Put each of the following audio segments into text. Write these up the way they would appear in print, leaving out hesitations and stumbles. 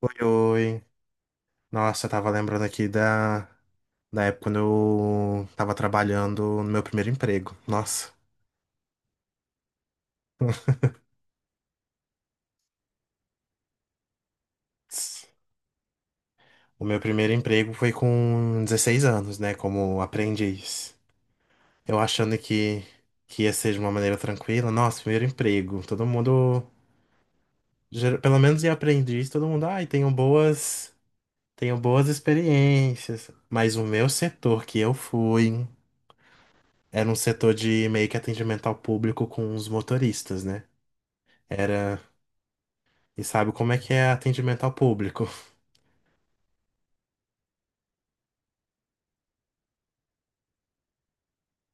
Oi, oi. Nossa, eu tava lembrando aqui da época quando eu tava trabalhando no meu primeiro emprego. Nossa. Tss. O meu primeiro emprego foi com 16 anos, né? Como aprendiz. Eu achando que ia ser de uma maneira tranquila. Nossa, primeiro emprego. Todo mundo, pelo menos em aprendiz, todo mundo, ai, tenho boas experiências. Mas o meu setor que eu fui era um setor de meio que atendimento ao público com os motoristas, né? Era. E sabe como é que é atendimento ao público?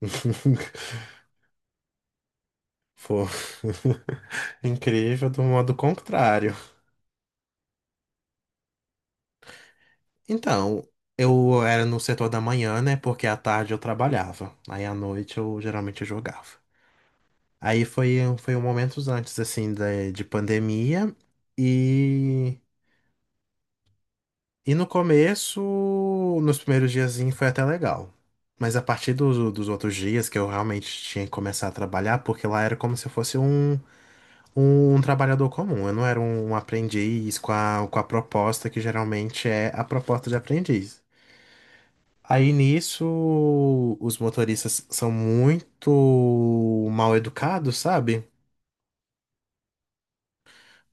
Foi incrível do modo contrário. Então, eu era no setor da manhã, né? Porque à tarde eu trabalhava. Aí à noite eu geralmente jogava. Aí foi um momentos antes, assim, de pandemia. E, e no começo, nos primeiros dias, foi até legal. Mas a partir dos outros dias que eu realmente tinha que começar a trabalhar, porque lá era como se fosse um trabalhador comum. Eu não era um aprendiz com a proposta que geralmente é a proposta de aprendiz. Aí nisso, os motoristas são muito mal educados, sabe?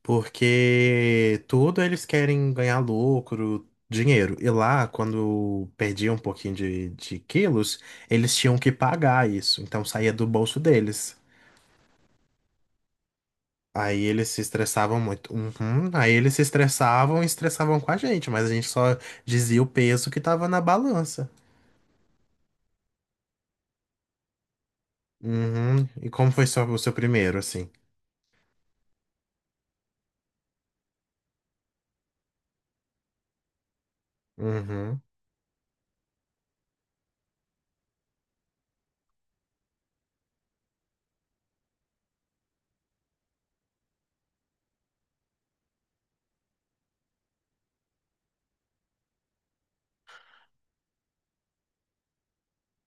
Porque tudo eles querem ganhar lucro, dinheiro. E lá, quando perdiam um pouquinho de quilos, eles tinham que pagar isso. Então saía do bolso deles. Aí eles se estressavam muito. Uhum. Aí eles se estressavam e estressavam com a gente, mas a gente só dizia o peso que tava na balança. Uhum. E como foi só o seu primeiro, assim? Uhum.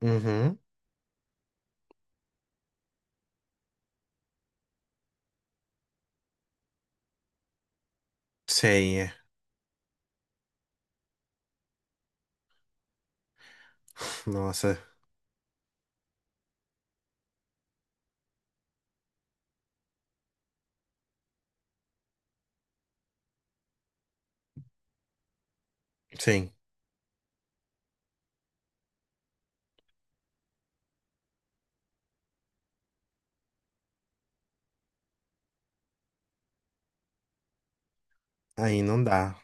Uhum. Sei, é. Nossa, sim. Aí não dá.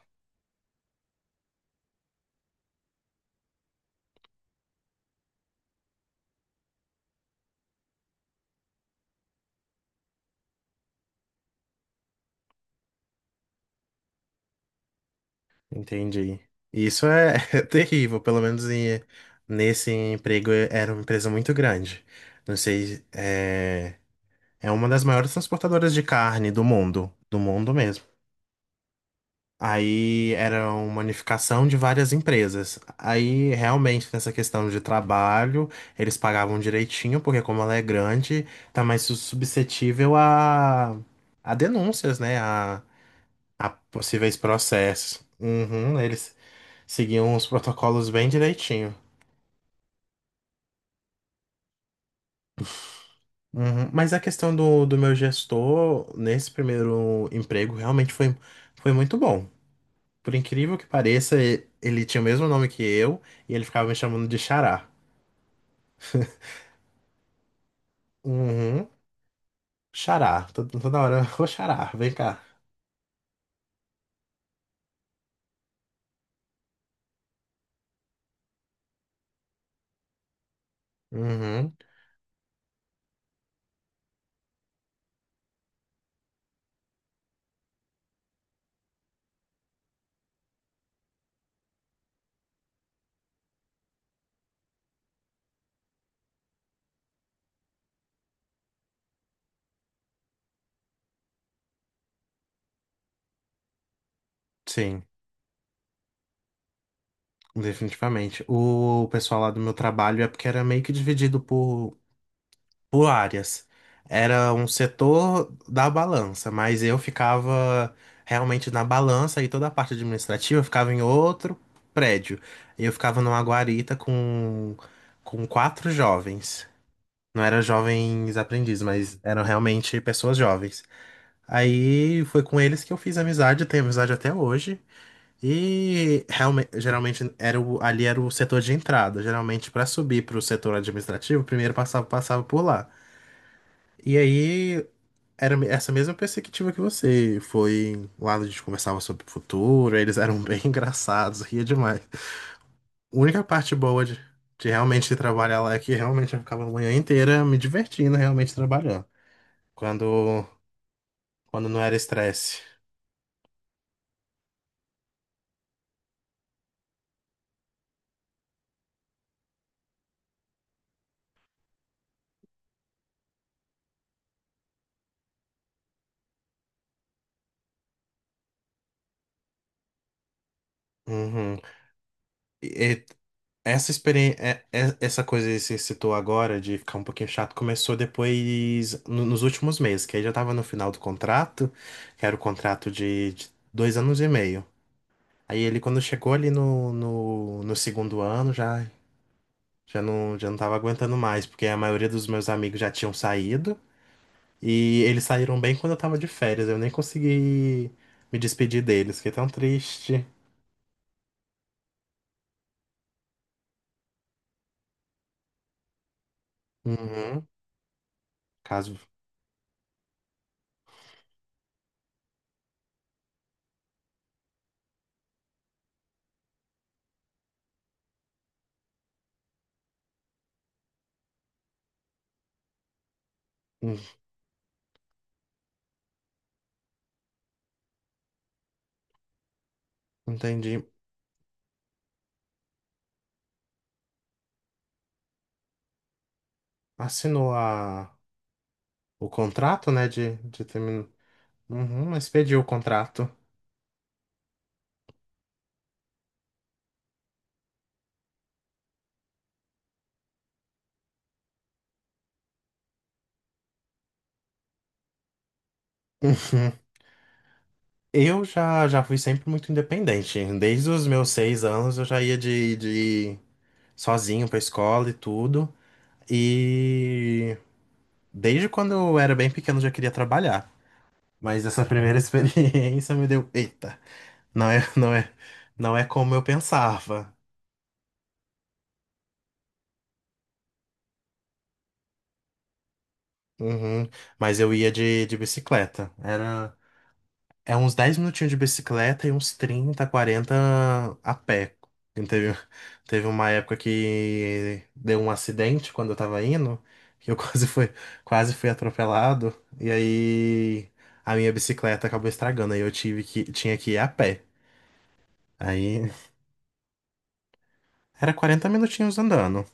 Entendi. Isso é, é terrível, pelo menos nesse emprego era uma empresa muito grande. Não sei, é uma das maiores transportadoras de carne do mundo mesmo. Aí era uma unificação de várias empresas. Aí realmente nessa questão de trabalho, eles pagavam direitinho, porque como ela é grande, tá mais suscetível a, denúncias, né? A possíveis processos. Uhum, eles seguiam os protocolos bem direitinho. Uhum. Mas a questão do meu gestor nesse primeiro emprego realmente foi muito bom. Por incrível que pareça, ele tinha o mesmo nome que eu e ele ficava me chamando de Xará. Uhum. Xará. Toda hora, ô xará, vem cá. Uhum. Sim, definitivamente. O pessoal lá do meu trabalho é porque era meio que dividido por áreas. Era um setor da balança, mas eu ficava realmente na balança e toda a parte administrativa ficava em outro prédio. Eu ficava numa guarita com quatro jovens. Não eram jovens aprendizes, mas eram realmente pessoas jovens. Aí foi com eles que eu fiz amizade, tenho amizade até hoje. E realmente, geralmente ali era o setor de entrada. Geralmente para subir para o setor administrativo, primeiro passava por lá. E aí era essa mesma perspectiva que você. Foi lá a gente conversava sobre o futuro, eles eram bem engraçados, ria demais. A única parte boa de realmente trabalhar lá é que realmente eu ficava a manhã inteira me divertindo, realmente trabalhando. Quando, quando não era estresse. Uhum. E, Essa experiência, essa coisa que você citou agora de ficar um pouquinho chato começou depois, nos últimos meses, que aí já tava no final do contrato, que era o contrato de 2 anos e meio. Aí ele, quando chegou ali no segundo ano, já não tava aguentando mais, porque a maioria dos meus amigos já tinham saído, e eles saíram bem quando eu tava de férias, eu nem consegui me despedir deles, fiquei tão triste. Uhum, caso. Hum. Entendi. Assinou a. O contrato, né? De terminar. Uhum, expediu o contrato. Uhum. Eu já fui sempre muito independente. Desde os meus 6 anos eu já ia de sozinho pra escola e tudo. E desde quando eu era bem pequeno eu já queria trabalhar. Mas essa primeira experiência me deu, eita, não é, não é, não é como eu pensava. Uhum. Mas eu ia de bicicleta. Era É uns 10 minutinhos de bicicleta e uns 30, 40 a pé. E teve uma época que deu um acidente quando eu tava indo, que eu quase fui atropelado, e aí a minha bicicleta acabou estragando, aí eu tinha que ir a pé. Aí era 40 minutinhos andando.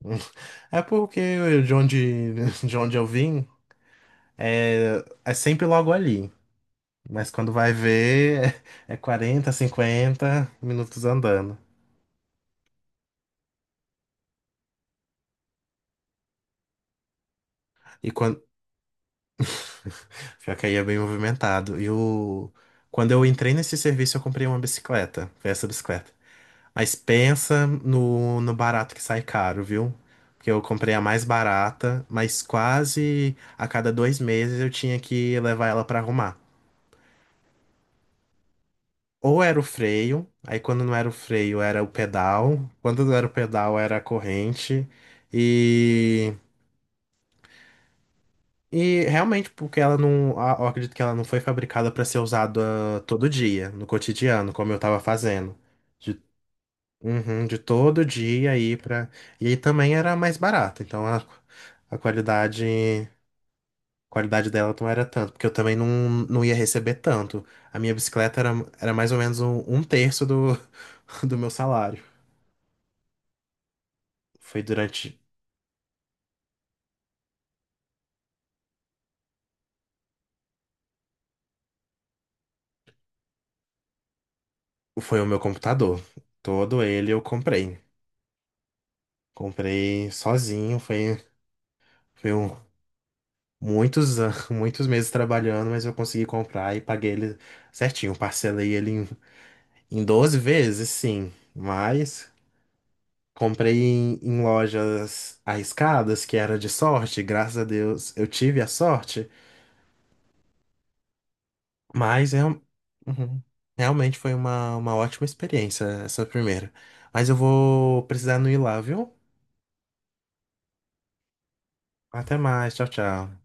É porque de onde eu vim é sempre logo ali. Mas quando vai ver, é 40, 50 minutos andando. E quando. Pior que aí é bem movimentado. Quando eu entrei nesse serviço, eu comprei uma bicicleta. Foi essa bicicleta. Mas pensa no barato que sai caro, viu? Porque eu comprei a mais barata, mas quase a cada 2 meses eu tinha que levar ela pra arrumar. Ou era o freio, aí quando não era o freio era o pedal, quando não era o pedal era a corrente, e realmente, porque ela não. Eu acredito que ela não foi fabricada para ser usada todo dia, no cotidiano, como eu tava fazendo. De, uhum, de todo dia aí para. E aí também era mais barata, então a qualidade. A qualidade dela não era tanto, porque eu também não ia receber tanto. A minha bicicleta era mais ou menos um terço do, do meu salário. Foi durante. Foi o meu computador. Todo ele eu comprei. Comprei sozinho, foi. Foi um. Muitos meses trabalhando, mas eu consegui comprar e paguei ele certinho. Parcelei ele em 12 vezes, sim, mas comprei em lojas arriscadas, que era de sorte, graças a Deus eu tive a sorte, mas uhum, realmente foi uma ótima experiência essa primeira. Mas eu vou precisar não ir lá, viu? Até mais, tchau, tchau.